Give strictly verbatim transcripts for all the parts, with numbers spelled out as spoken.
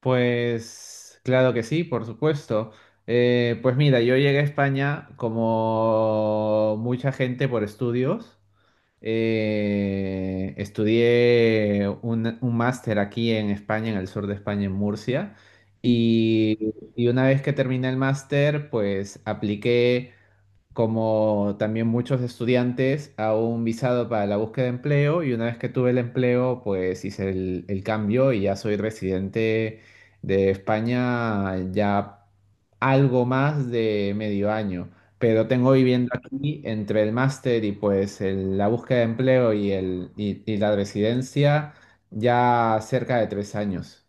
Pues claro que sí, por supuesto. Eh, pues mira, yo llegué a España como mucha gente por estudios. Eh, estudié un, un máster aquí en España, en el sur de España, en Murcia. Y, y una vez que terminé el máster, pues apliqué como también muchos estudiantes, a un visado para la búsqueda de empleo, y una vez que tuve el empleo, pues hice el, el cambio y ya soy residente de España ya algo más de medio año, pero tengo viviendo aquí entre el máster y pues el- la búsqueda de empleo y, el, y, y la residencia ya cerca de tres años.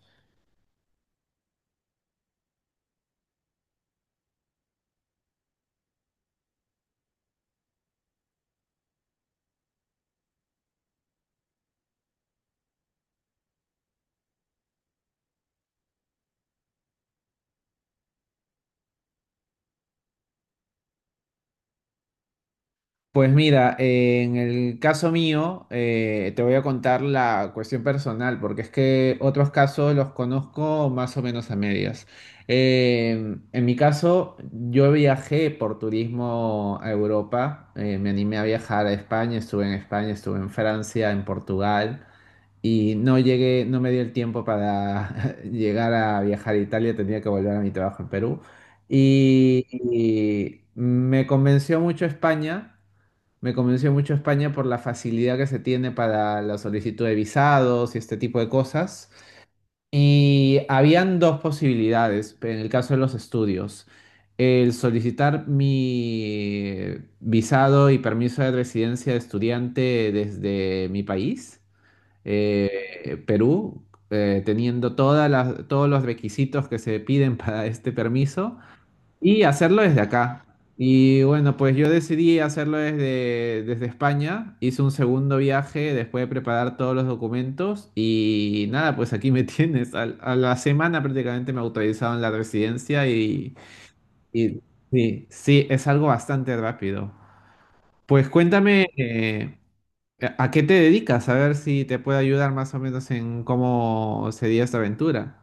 Pues mira, eh, en el caso mío, eh, te voy a contar la cuestión personal, porque es que otros casos los conozco más o menos a medias. Eh, en mi caso, yo viajé por turismo a Europa, eh, me animé a viajar a España, estuve en España, estuve en Francia, en Portugal, y no llegué, no me dio el tiempo para llegar a viajar a Italia, tenía que volver a mi trabajo en Perú. Y, y me convenció mucho España. Me convenció mucho España por la facilidad que se tiene para la solicitud de visados y este tipo de cosas. Y habían dos posibilidades en el caso de los estudios: el solicitar mi visado y permiso de residencia de estudiante desde mi país, eh, Perú, eh, teniendo todas las- todos los requisitos que se piden para este permiso, y hacerlo desde acá. Y bueno, pues yo decidí hacerlo desde, desde España. Hice un segundo viaje después de preparar todos los documentos y nada, pues aquí me tienes. Al- A, la semana prácticamente me autorizaron la residencia y, y sí, sí, es algo bastante rápido. Pues cuéntame, eh, ¿a qué te dedicas? A ver si te puedo ayudar más o menos en cómo sería esta aventura.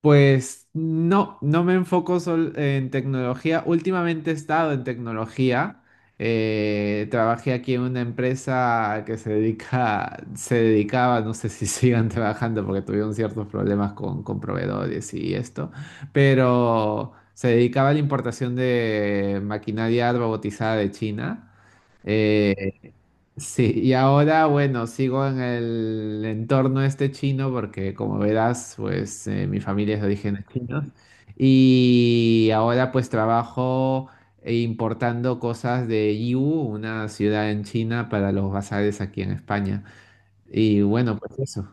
Pues no, no me enfoco sol- en tecnología. Últimamente he estado en tecnología. Eh, trabajé aquí en una empresa que se dedica, se dedicaba, no sé si sigan trabajando porque tuvieron ciertos problemas con, con proveedores y esto, pero se dedicaba a la importación de maquinaria robotizada de China. Eh, Sí, y ahora, bueno, sigo en el entorno este chino porque, como verás, pues eh, mi familia es de orígenes chinos, y ahora pues trabajo eh, importando cosas de Yiwu, una ciudad en China, para los bazares aquí en España. Y bueno, pues eso.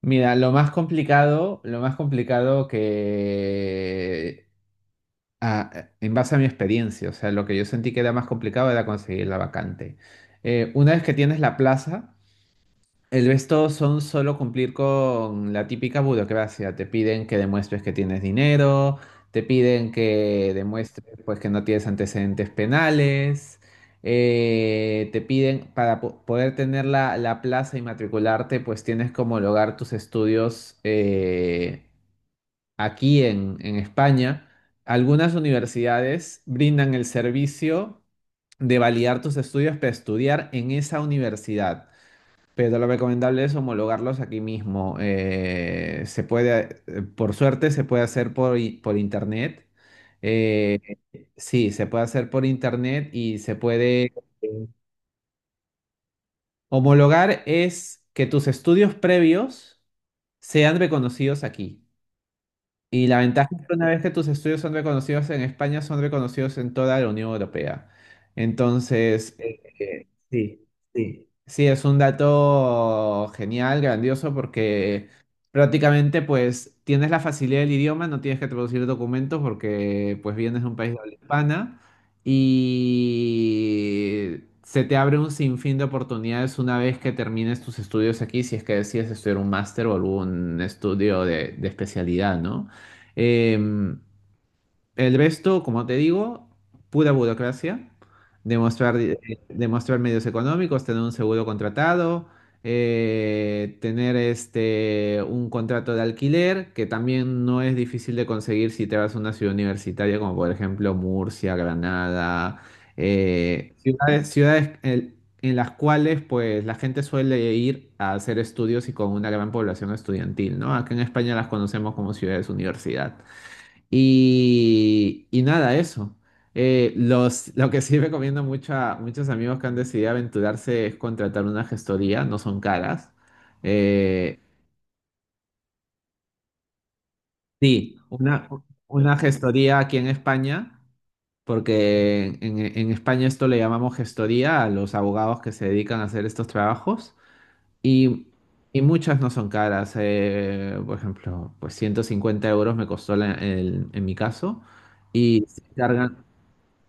Mira, lo más complicado, lo más complicado que, ah, en base a mi experiencia, o sea, lo que yo sentí que era más complicado era conseguir la vacante. Eh, una vez que tienes la plaza, El resto son solo cumplir con la típica burocracia. Te piden que demuestres que tienes dinero, te piden que demuestres, pues, que no tienes antecedentes penales, eh, te piden para po- poder tener la, la plaza y matricularte, pues tienes que homologar tus estudios eh, aquí en, en España. Algunas universidades brindan el servicio de validar tus estudios para estudiar en esa universidad, pero lo recomendable es homologarlos aquí mismo. Eh, se puede, eh, por suerte, se puede hacer por, i- por internet. Eh, sí, se puede hacer por internet y se puede. eh, Homologar es que tus estudios previos sean reconocidos aquí. Y la ventaja es que una vez que tus estudios son reconocidos en España, son reconocidos en toda la Unión Europea. Entonces, eh, eh, sí, sí. Sí, es un dato genial, grandioso, porque prácticamente pues tienes la facilidad del idioma, no tienes que traducir documentos porque pues vienes de un país de habla hispana, y se te abre un sinfín de oportunidades una vez que termines tus estudios aquí, si es que decides estudiar un máster o algún estudio de, de especialidad, ¿no? Eh, el resto, como te digo, pura burocracia: demostrar, eh, demostrar medios económicos, tener un seguro contratado, eh, tener este, un contrato de alquiler, que también no es difícil de conseguir si te vas a una ciudad universitaria, como por ejemplo Murcia, Granada, eh, ciudades, ciudades en en las cuales pues la gente suele ir a hacer estudios y con una gran población estudiantil, ¿no? Acá en España las conocemos como ciudades universidad. Y, y nada, eso. Eh, los, lo que sí recomiendo mucho a muchos amigos que han decidido aventurarse es contratar una gestoría, no son caras. Eh, sí, una, una gestoría aquí en España, porque en, en España esto le llamamos gestoría a los abogados que se dedican a hacer estos trabajos. Y, y muchas no son caras. eh, por ejemplo, pues ciento cincuenta euros me costó, la- el- en mi caso. Y se encargan,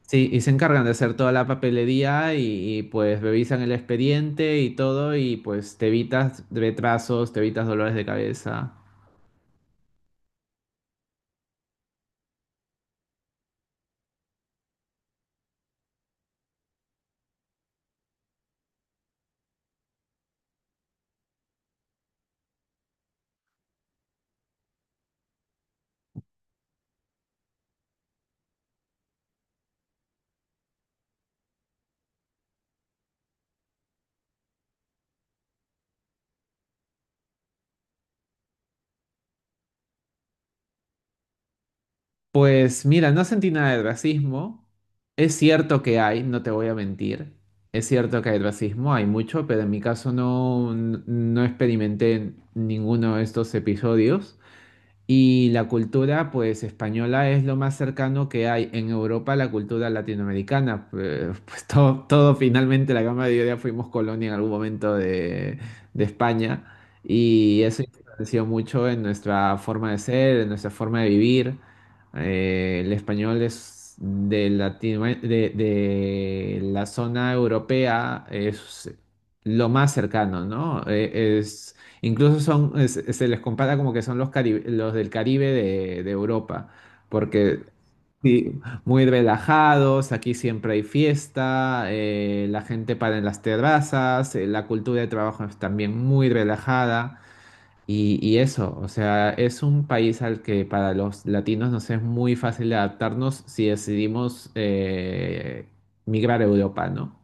sí, y se encargan de hacer toda la papelería y, y, pues revisan el expediente y todo, y pues te evitas retrasos, te evitas dolores de cabeza. Pues mira, no sentí nada de racismo. Es cierto que hay, no te voy a mentir. Es cierto que hay racismo, hay mucho, pero en mi caso no, no experimenté ninguno de estos episodios. Y la cultura, pues, española es lo más cercano que hay en Europa a la cultura latinoamericana. Pues, pues, todo, todo finalmente, la gran mayoría fuimos colonia en algún momento de, de España. Y eso influenció mucho en nuestra forma de ser, en nuestra forma de vivir. Eh, el español, es de, Latino- de, de la zona europea, es lo más cercano, ¿no? Eh, es Incluso son, es- se les compara como que son los, Cari- los del Caribe de, de Europa, porque sí, muy relajados, aquí siempre hay fiesta, eh, la gente para en las terrazas, eh, la cultura de trabajo es también muy relajada, y, y eso, o sea, es un país al que para los latinos nos es muy fácil adaptarnos si decidimos eh, migrar a Europa, ¿no?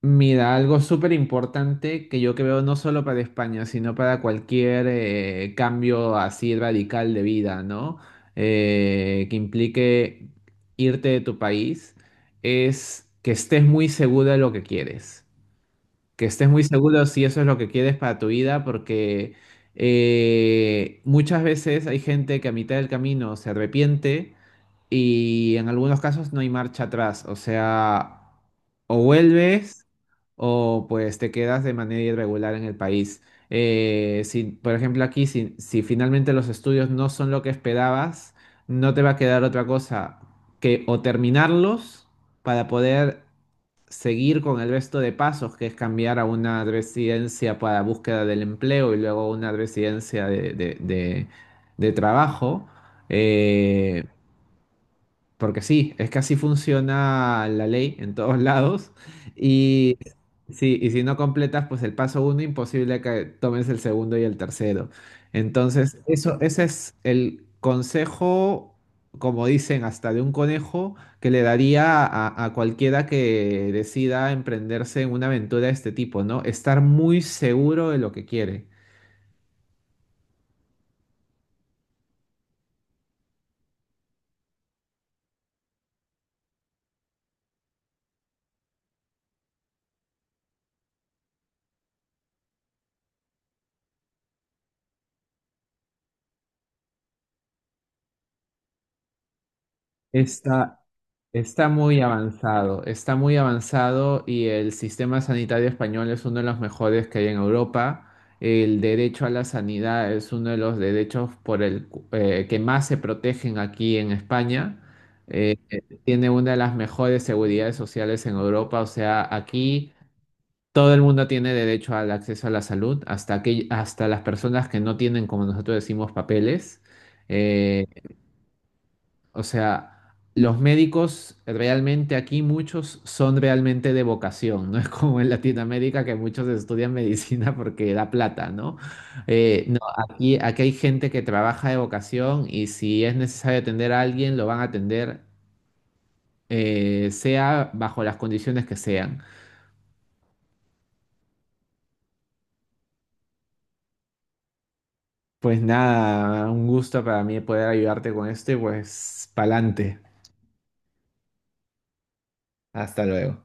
Mira, algo súper importante que yo creo no solo para España, sino para cualquier eh, cambio así radical de vida, ¿no? Eh, que implique irte de tu país, es que estés muy seguro de lo que quieres. Que estés muy seguro si eso es lo que quieres para tu vida, porque eh, muchas veces hay gente que a mitad del camino se arrepiente, y en algunos casos no hay marcha atrás. O sea, o vuelves, o pues te quedas de manera irregular en el país. Eh, si, por ejemplo, aquí, si, si finalmente los estudios no son lo que esperabas, no te va a quedar otra cosa que o terminarlos para poder seguir con el resto de pasos, que es cambiar a una residencia para búsqueda del empleo y luego una residencia de, de- de- de trabajo. Eh, porque sí, es que así funciona la ley en todos lados. Y, sí, y si no completas, pues, el paso uno, imposible que tomes el segundo y el tercero. Entonces, eso, ese es el consejo, como dicen, hasta de un conejo, que le daría a, a cualquiera que decida emprenderse en una aventura de este tipo, ¿no? Estar muy seguro de lo que quiere. Está, Está muy avanzado, está muy avanzado, y el sistema sanitario español es uno de los mejores que hay en Europa. El derecho a la sanidad es uno de los derechos por el cu- eh, que más se protegen aquí en España. Eh, eh, tiene una de las mejores seguridades sociales en Europa, o sea, aquí todo el mundo tiene derecho al acceso a la salud, hasta que, hasta las personas que no tienen, como nosotros decimos, papeles. Eh, o sea, los médicos realmente aquí muchos son realmente de vocación, no es como en Latinoamérica que muchos estudian medicina porque da plata, ¿no? Eh, no, aquí, aquí hay gente que trabaja de vocación, y si es necesario atender a alguien, lo van a atender, eh, sea bajo las condiciones que sean. Pues nada, un gusto para mí poder ayudarte con esto y pues pa'lante. Hasta luego.